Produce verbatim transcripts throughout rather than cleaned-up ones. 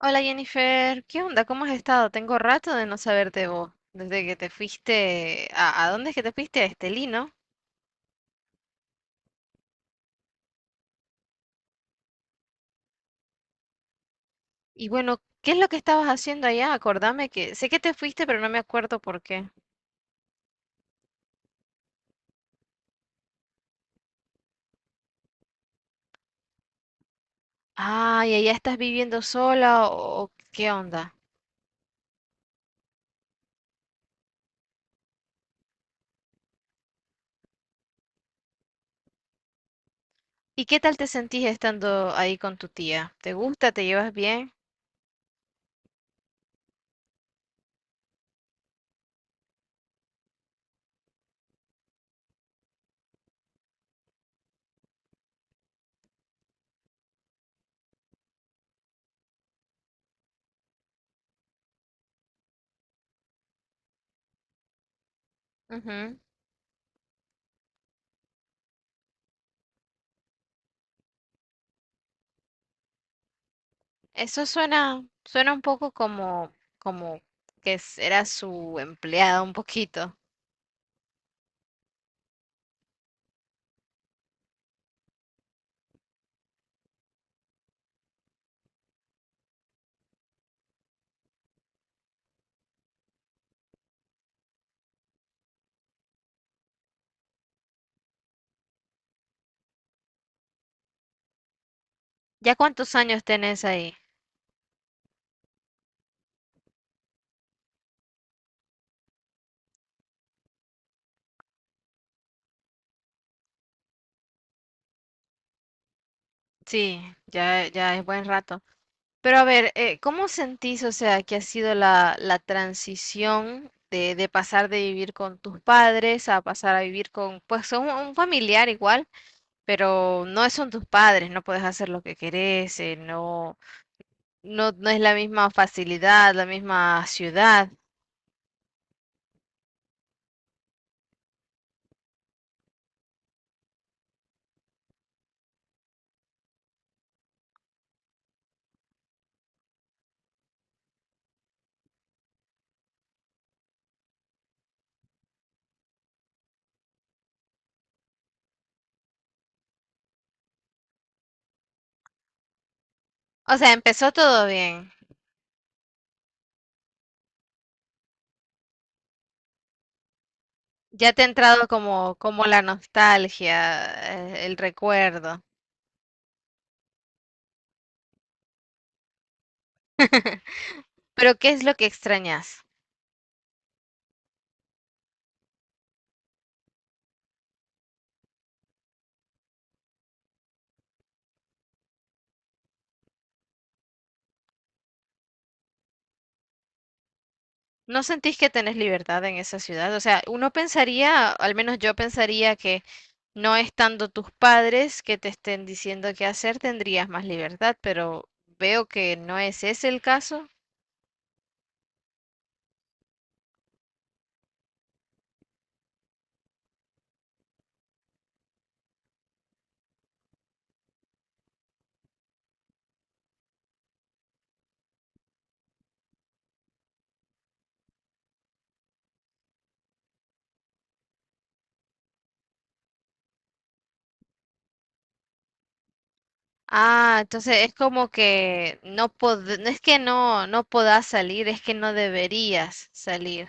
Hola Jennifer, ¿qué onda? ¿Cómo has estado? Tengo rato de no saberte vos, desde que te fuiste a, ¿a dónde es que te fuiste? A Estelí, ¿no? Y bueno, ¿qué es lo que estabas haciendo allá? Acordame que sé que te fuiste, pero no me acuerdo por qué. Ah, ¿y allá estás viviendo sola o o qué onda? ¿Y qué tal te sentís estando ahí con tu tía? ¿Te gusta? ¿Te llevas bien? Ujú. Eso suena, suena un poco como, como que s- era su empleada un poquito. ¿Ya cuántos años tenés ahí? Sí, ya, ya es buen rato. Pero a ver, eh, ¿cómo sentís, o sea, que ha sido la, la transición de, de pasar de vivir con tus padres a pasar a vivir con, pues, un, un familiar igual, pero no son tus padres, no puedes hacer lo que querés, eh, no, no, no es la misma facilidad, la misma ciudad. O sea, empezó todo bien. Ya te ha entrado como, como la nostalgia, eh, el recuerdo. Pero ¿qué es lo que extrañas? ¿No sentís que tenés libertad en esa ciudad? O sea, uno pensaría, al menos yo pensaría que no estando tus padres que te estén diciendo qué hacer, tendrías más libertad, pero veo que no es ese el caso. Ah, entonces es como que no pod- no es que no, no podás salir, es que no deberías salir.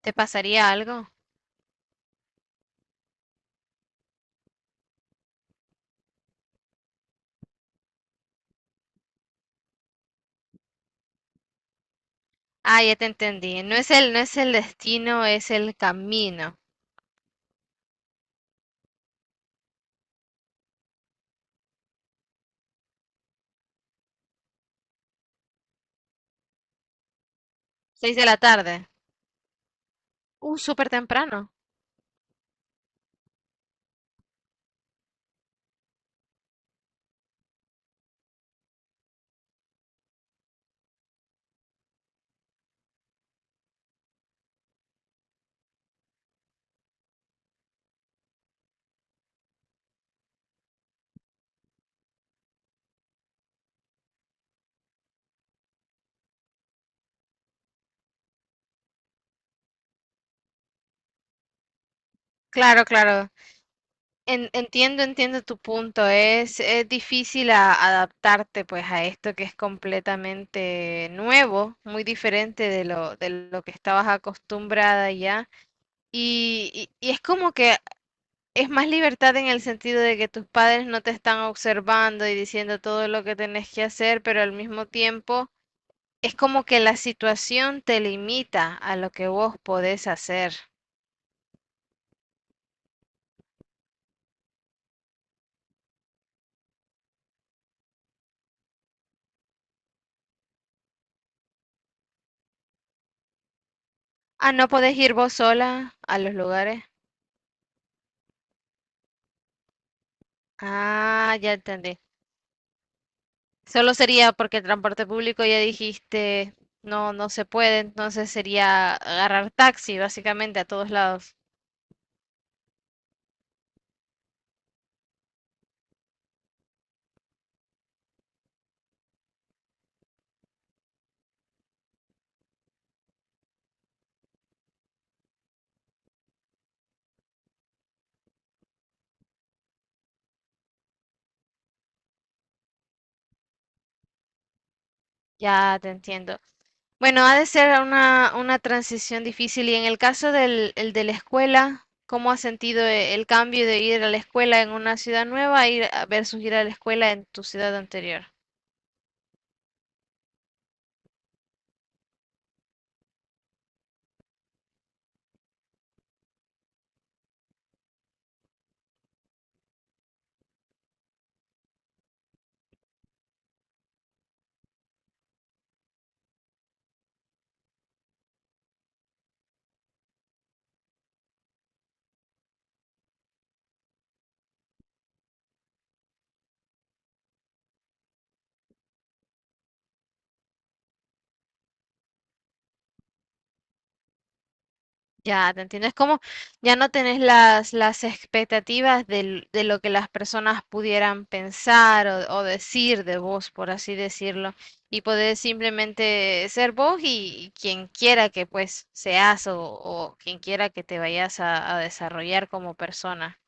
¿Te pasaría algo? Ah, ya te entendí. No es el, no es el destino, es el camino. Seis de la tarde. Uh, súper temprano. Claro, claro. En- entiendo, entiendo tu punto. Es, es difícil a- adaptarte pues a esto que es completamente nuevo, muy diferente de lo, de lo que estabas acostumbrada ya. Y, y- y es como que es más libertad en el sentido de que tus padres no te están observando y diciendo todo lo que tenés que hacer, pero al mismo tiempo es como que la situación te limita a lo que vos podés hacer. Ah, ¿no podés ir vos sola a los lugares? Ah, ya entendí. Solo sería porque el transporte público ya dijiste no, no se puede, entonces sería agarrar taxi básicamente a todos lados. Ya te entiendo. Bueno, ha de ser una, una transición difícil y en el caso del el de la escuela, ¿cómo has sentido e- el cambio de ir a la escuela en una ciudad nueva a ir a- versus ir a la escuela en tu ciudad anterior? Ya, te entiendo. Es como ya no tenés las, las expectativas del- de lo que las personas pudieran pensar o, o decir de vos, por así decirlo, y poder simplemente ser vos y, y quien quiera que pues seas o, o quien quiera que te vayas a, a desarrollar como persona.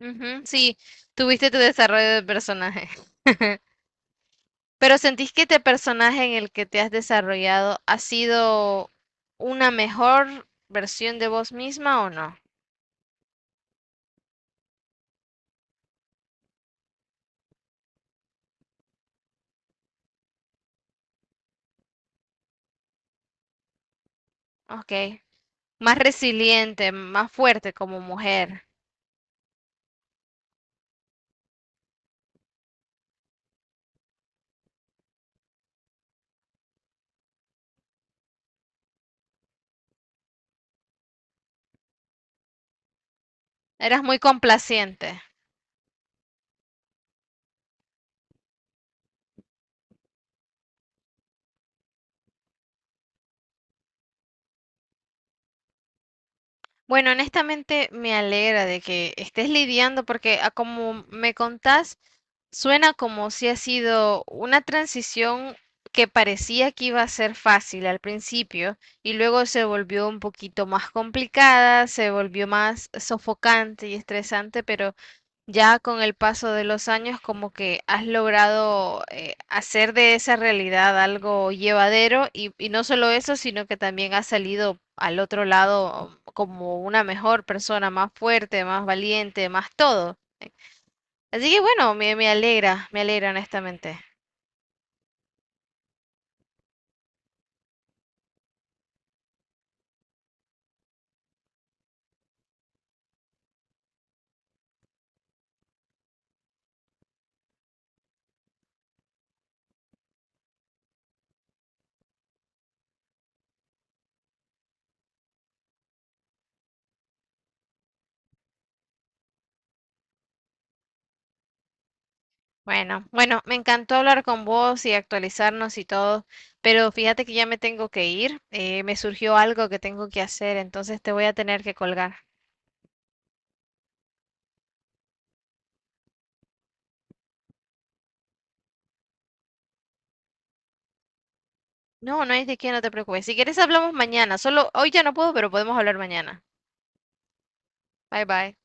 Ujú, sí, tuviste tu desarrollo de personaje, pero ¿sentís que este personaje en el que te has desarrollado ha sido una mejor versión de vos misma o no? Ok, más resiliente, más fuerte como mujer. Eras muy complaciente. Bueno, honestamente me alegra de que estés lidiando porque a como me contás, suena como si ha sido una transición que parecía que iba a ser fácil al principio y luego se volvió un poquito más complicada, se volvió más sofocante y estresante, pero ya con el paso de los años como que has logrado eh, hacer de esa realidad algo llevadero y, y no solo eso, sino que también has salido al otro lado como una mejor persona, más fuerte, más valiente, más todo. Así que bueno, me, me alegra, me alegra honestamente. Bueno, bueno, me encantó hablar con vos y actualizarnos y todo, pero fíjate que ya me tengo que ir, eh, me surgió algo que tengo que hacer, entonces te voy a tener que colgar. No, no hay de qué, no te preocupes. Si quieres hablamos mañana. Solo hoy ya no puedo, pero podemos hablar mañana. Bye bye.